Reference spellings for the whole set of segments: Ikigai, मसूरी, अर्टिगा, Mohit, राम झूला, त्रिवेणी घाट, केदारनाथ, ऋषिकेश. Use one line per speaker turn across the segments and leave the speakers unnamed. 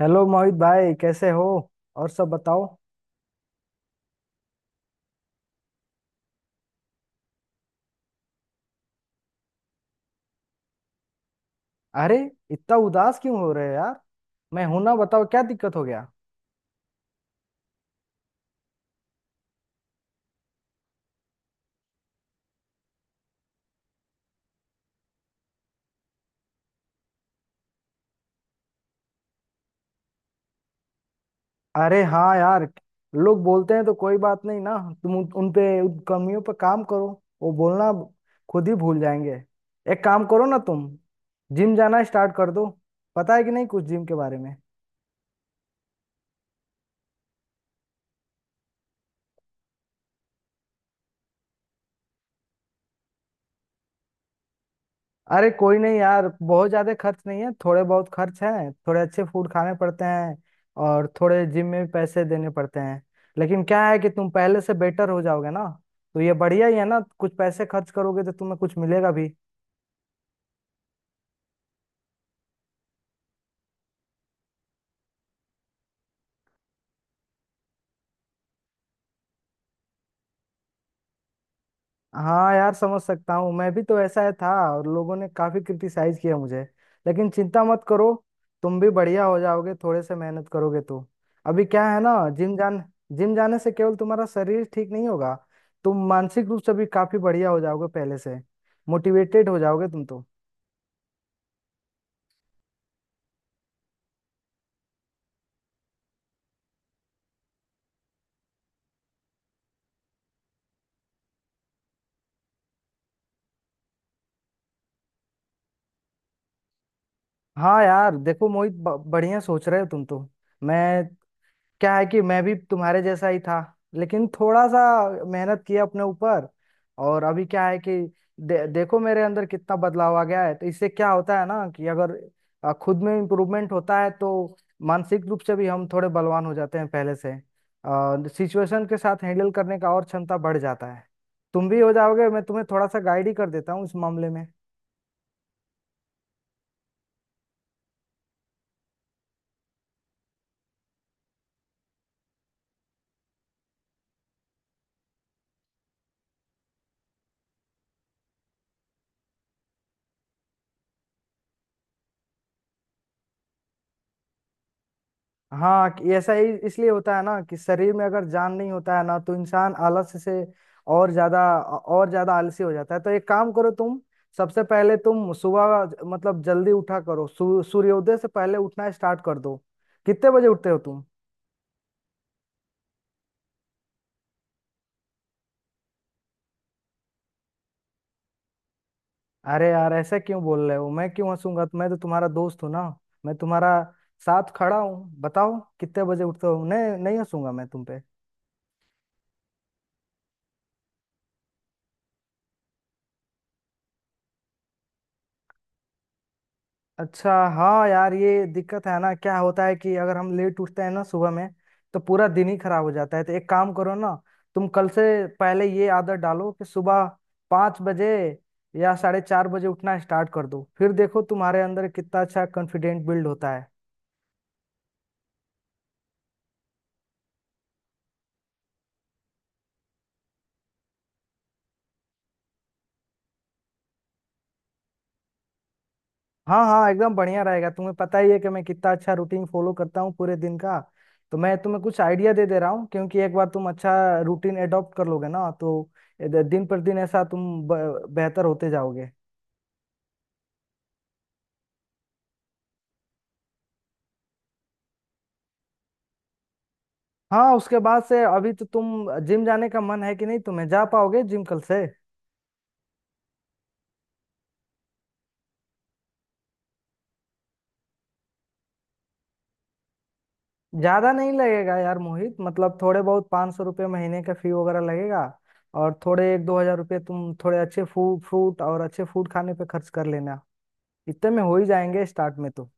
Hello Mohit भाई, कैसे हो? और सब बताओ। अरे, इतना उदास क्यों हो रहे हो यार? मैं हूं ना, बताओ क्या दिक्कत हो गया। अरे हाँ यार, लोग बोलते हैं तो कोई बात नहीं ना। तुम उन उन पे उन कमियों पे काम करो, वो बोलना खुद ही भूल जाएंगे। एक काम करो ना तुम, जिम जाना स्टार्ट कर दो। पता है कि नहीं कुछ जिम के बारे में? अरे कोई नहीं यार, बहुत ज्यादा खर्च नहीं है, थोड़े बहुत खर्च हैं, थोड़े अच्छे फूड खाने पड़ते हैं और थोड़े जिम में भी पैसे देने पड़ते हैं। लेकिन क्या है कि तुम पहले से बेटर हो जाओगे ना, तो ये बढ़िया ही है ना, कुछ पैसे खर्च करोगे तो तुम्हें कुछ मिलेगा भी। हाँ यार, समझ सकता हूँ, मैं भी तो ऐसा है था। और लोगों ने काफी क्रिटिसाइज किया मुझे। लेकिन चिंता मत करो, तुम भी बढ़िया हो जाओगे, थोड़े से मेहनत करोगे तो। अभी क्या है ना, जिम जान, जिम जाने से केवल तुम्हारा शरीर ठीक नहीं होगा, तुम मानसिक रूप से भी काफी बढ़िया हो जाओगे पहले से। मोटिवेटेड हो जाओगे तुम तो। हाँ यार, देखो मोहित, बढ़िया सोच रहे हो तुम तो। मैं, क्या है कि मैं भी तुम्हारे जैसा ही था, लेकिन थोड़ा सा मेहनत किया अपने ऊपर। और अभी क्या है कि देखो मेरे अंदर कितना बदलाव आ गया है। तो इससे क्या होता है ना कि अगर खुद में इम्प्रूवमेंट होता है तो मानसिक रूप से भी हम थोड़े बलवान हो जाते हैं पहले से। सिचुएशन के साथ हैंडल करने का और क्षमता बढ़ जाता है। तुम भी हो जाओगे। मैं तुम्हें थोड़ा सा गाइड ही कर देता हूँ इस मामले में। हाँ, कि ऐसा ही इसलिए होता है ना कि शरीर में अगर जान नहीं होता है ना तो इंसान आलस से और ज्यादा आलसी हो जाता है। तो एक काम करो तुम, सबसे पहले तुम सुबह मतलब जल्दी उठा करो। सूर्योदय से पहले उठना स्टार्ट कर दो। कितने बजे उठते हो तुम? अरे यार, ऐसा क्यों बोल रहे हो? मैं क्यों हंसूंगा, मैं तो तुम्हारा दोस्त हूँ ना। मैं तुम्हारा साथ खड़ा हूँ, बताओ कितने बजे उठते हो, नहीं नहीं हंसूंगा मैं तुम पे। अच्छा, हाँ यार, ये दिक्कत है ना, क्या होता है कि अगर हम लेट उठते हैं ना सुबह में, तो पूरा दिन ही खराब हो जाता है। तो एक काम करो ना तुम, कल से पहले ये आदत डालो कि सुबह 5 बजे या 4:30 बजे उठना स्टार्ट कर दो। फिर देखो तुम्हारे अंदर कितना अच्छा कॉन्फिडेंट बिल्ड होता है। हाँ हाँ, एकदम बढ़िया रहेगा। तुम्हें पता ही है कि मैं कितना अच्छा रूटीन फॉलो करता हूँ पूरे दिन का। तो मैं तुम्हें कुछ आइडिया दे दे रहा हूँ, क्योंकि एक बार तुम अच्छा रूटीन एडॉप्ट कर लोगे ना तो दिन पर दिन ऐसा तुम बेहतर होते जाओगे। हाँ, उसके बाद से अभी तो तुम जिम जाने का मन है कि नहीं? तुम्हें जा पाओगे जिम कल से? ज्यादा नहीं लगेगा यार मोहित, मतलब थोड़े बहुत 500 रुपये महीने का फी वगैरह लगेगा। और थोड़े एक दो हजार रुपये तुम थोड़े अच्छे फूड फ्रूट और अच्छे फूड खाने पे खर्च कर लेना। इतने में हो ही जाएंगे स्टार्ट में तो।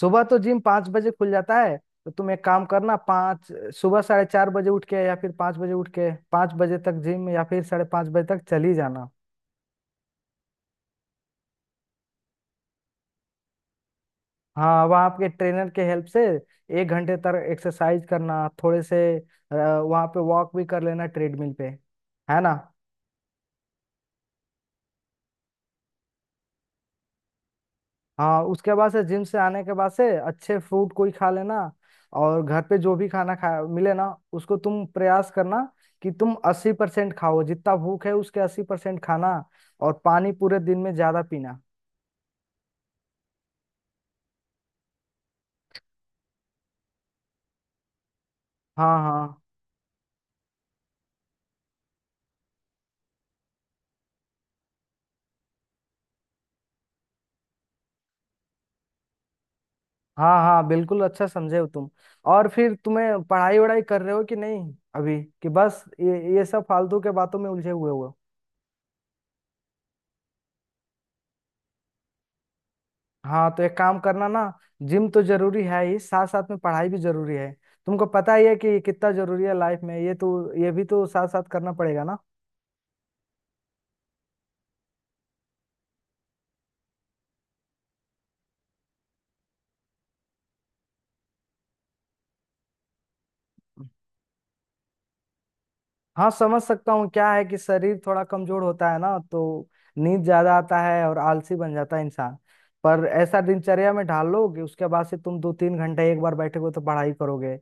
सुबह तो जिम 5 बजे खुल जाता है। तो तुम एक काम करना, पाँच सुबह 4:30 बजे उठ के या फिर 5 बजे उठ के 5 बजे तक जिम या फिर 5:30 बजे तक चली जाना। हाँ, वहाँ आपके ट्रेनर के हेल्प से एक घंटे तक एक्सरसाइज करना। थोड़े से वहाँ पे वॉक भी कर लेना ट्रेडमिल पे, है ना। हाँ, उसके बाद से जिम से आने के बाद से अच्छे फ्रूट कोई खा लेना। और घर पे जो भी खाना खा मिले ना, उसको तुम प्रयास करना कि तुम 80% खाओ। जितना भूख है उसके 80% खाना। और पानी पूरे दिन में ज्यादा पीना। हाँ हाँ। हाँ हाँ बिल्कुल, अच्छा समझे हो तुम। और फिर तुम्हें पढ़ाई वढ़ाई कर रहे हो कि नहीं अभी, कि बस ये सब फालतू के बातों में उलझे हुए हो? हाँ, तो एक काम करना ना, जिम तो जरूरी है ही, साथ साथ में पढ़ाई भी जरूरी है। तुमको पता ही है कि कितना जरूरी है लाइफ में ये, तो ये भी तो साथ साथ करना पड़ेगा ना। हाँ, समझ सकता हूँ, क्या है कि शरीर थोड़ा कमजोर होता है ना तो नींद ज्यादा आता है और आलसी बन जाता है इंसान। पर ऐसा दिनचर्या में ढाल लो कि उसके बाद से तुम 2-3 घंटे एक बार बैठोगे तो पढ़ाई करोगे।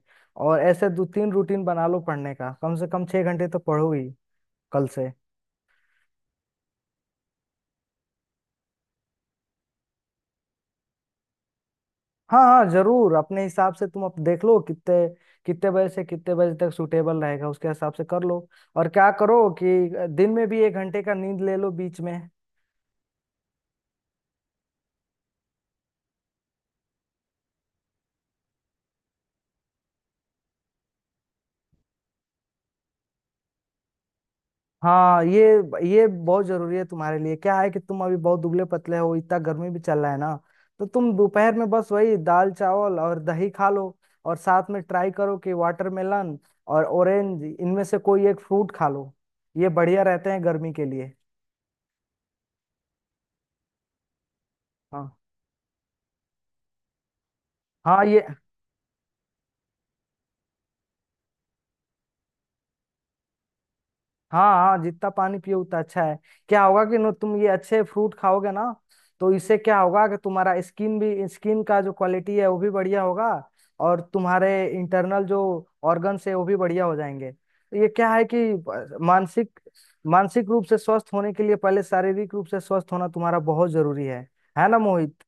और ऐसे दो तीन रूटीन बना लो पढ़ने का। कम से कम 6 घंटे तो पढ़ो ही कल से। हाँ हाँ जरूर, अपने हिसाब से तुम अप देख लो कितने, कितने बजे से कितने बजे तक सूटेबल रहेगा उसके हिसाब से कर लो। और क्या करो कि दिन में भी एक घंटे का नींद ले लो बीच में। हाँ ये, बहुत जरूरी है तुम्हारे लिए। क्या है कि तुम अभी बहुत दुबले पतले हो, इतना गर्मी भी चल रहा है ना। तो तुम दोपहर में बस वही दाल चावल और दही खा लो। और साथ में ट्राई करो कि वाटरमेलन और ऑरेंज, इनमें से कोई एक फ्रूट खा लो। ये बढ़िया रहते हैं गर्मी के लिए। हाँ हाँ ये, हाँ हाँ, जितना पानी पियो उतना अच्छा है। क्या होगा कि नो तुम ये अच्छे फ्रूट खाओगे ना, तो इससे क्या होगा कि तुम्हारा स्किन का जो क्वालिटी है वो भी बढ़िया होगा। और तुम्हारे इंटरनल जो ऑर्गन्स है वो भी बढ़िया हो जाएंगे। तो ये क्या है कि मानसिक मानसिक रूप से स्वस्थ होने के लिए पहले शारीरिक रूप से स्वस्थ होना तुम्हारा बहुत जरूरी है ना मोहित?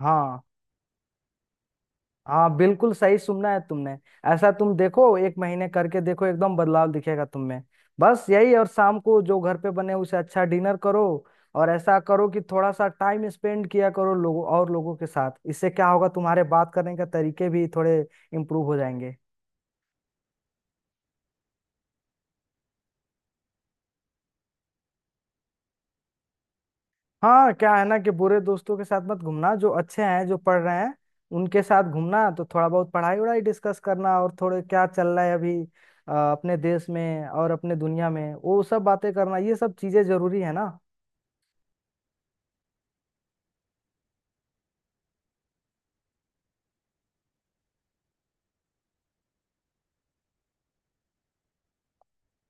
हाँ हाँ बिल्कुल, सही सुनना है तुमने। ऐसा तुम देखो, एक महीने करके देखो, एकदम बदलाव दिखेगा तुम में। बस यही। और शाम को जो घर पे बने उसे अच्छा डिनर करो। और ऐसा करो कि थोड़ा सा टाइम स्पेंड किया करो लोगों और लोगों के साथ, इससे क्या होगा तुम्हारे बात करने के तरीके भी थोड़े इम्प्रूव हो जाएंगे। हाँ, क्या है ना कि बुरे दोस्तों के साथ मत घूमना। जो अच्छे हैं, जो पढ़ रहे हैं उनके साथ घूमना। तो थोड़ा बहुत पढ़ाई वढ़ाई डिस्कस करना। और थोड़े क्या चल रहा है अभी अपने देश में और अपने दुनिया में, वो सब बातें करना। ये सब चीजें जरूरी है ना।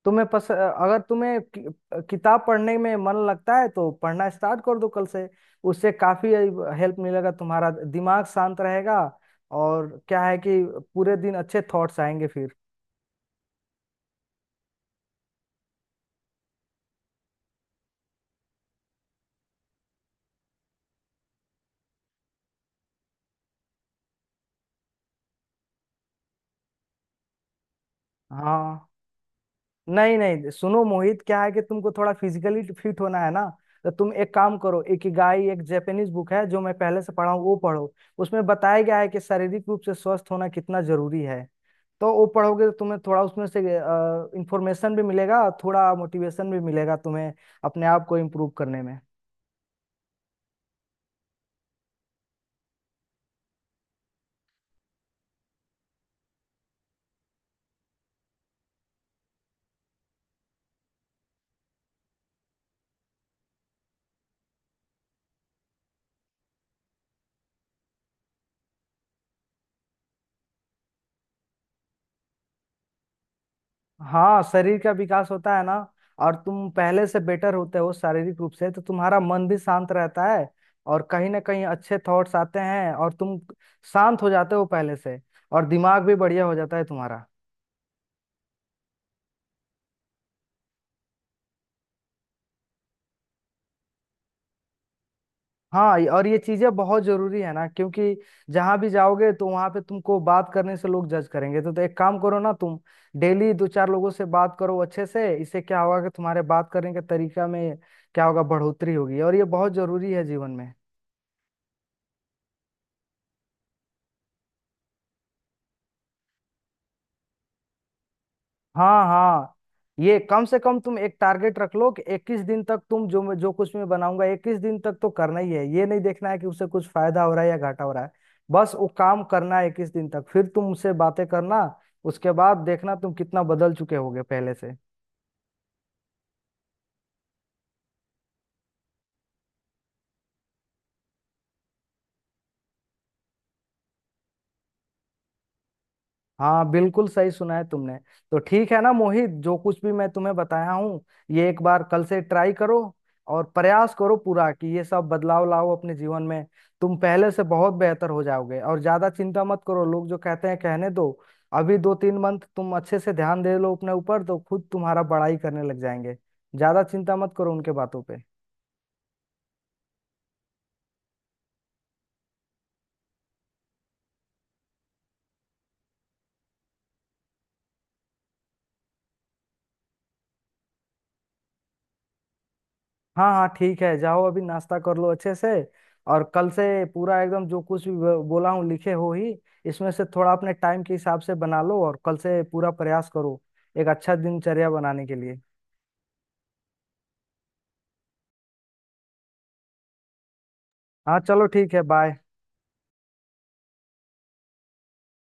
तुम्हें पस अगर तुम्हें किताब पढ़ने में मन लगता है तो पढ़ना स्टार्ट कर दो कल से। उससे काफी हेल्प मिलेगा। तुम्हारा दिमाग शांत रहेगा। और क्या है कि पूरे दिन अच्छे थॉट्स आएंगे फिर। हाँ। नहीं नहीं सुनो मोहित, क्या है कि तुमको थोड़ा फिजिकली फिट होना है ना, तो तुम एक काम करो, इकिगाई एक जापानीज बुक है जो मैं पहले से पढ़ा हूँ, वो पढ़ो। उसमें बताया गया है कि शारीरिक रूप से स्वस्थ होना कितना जरूरी है। तो वो पढ़ोगे तो तुम्हें थोड़ा उसमें से इंफॉर्मेशन भी मिलेगा और थोड़ा मोटिवेशन भी मिलेगा तुम्हें अपने आप को इम्प्रूव करने में। हाँ, शरीर का विकास होता है ना, और तुम पहले से बेटर होते हो शारीरिक रूप से, तो तुम्हारा मन भी शांत रहता है। और कहीं ना कहीं अच्छे थॉट्स आते हैं और तुम शांत हो जाते हो पहले से। और दिमाग भी बढ़िया हो जाता है तुम्हारा। हाँ और ये चीजें बहुत जरूरी है ना, क्योंकि जहां भी जाओगे तो वहां पे तुमको बात करने से लोग जज करेंगे। तो एक काम करो ना तुम, डेली दो चार लोगों से बात करो अच्छे से, इससे क्या होगा कि तुम्हारे बात करने के तरीका में क्या होगा, बढ़ोतरी होगी। और ये बहुत जरूरी है जीवन में। हाँ हाँ, ये कम से कम तुम एक टारगेट रख लो कि 21 दिन तक तुम जो जो कुछ मैं बनाऊंगा 21 दिन तक तो करना ही है। ये नहीं देखना है कि उसे कुछ फायदा हो रहा है या घाटा हो रहा है, बस वो काम करना है 21 दिन तक। फिर तुम उससे बातें करना, उसके बाद देखना तुम कितना बदल चुके होगे पहले से। हाँ बिल्कुल सही सुना है तुमने। तो ठीक है ना मोहित, जो कुछ भी मैं तुम्हें बताया हूँ, ये एक बार कल से ट्राई करो। और प्रयास करो पूरा कि ये सब बदलाव लाओ अपने जीवन में। तुम पहले से बहुत बेहतर हो जाओगे और ज्यादा चिंता मत करो। लोग जो कहते हैं कहने दो। अभी 2-3 मंथ तुम अच्छे से ध्यान दे लो अपने ऊपर तो खुद तुम्हारा बड़ाई करने लग जाएंगे। ज्यादा चिंता मत करो उनके बातों पे। हाँ हाँ ठीक है, जाओ अभी नाश्ता कर लो अच्छे से। और कल से पूरा एकदम जो कुछ भी बोला हूँ लिखे हो ही, इसमें से थोड़ा अपने टाइम के हिसाब से बना लो और कल से पूरा प्रयास करो एक अच्छा दिनचर्या बनाने के लिए। हाँ चलो ठीक है, बाय।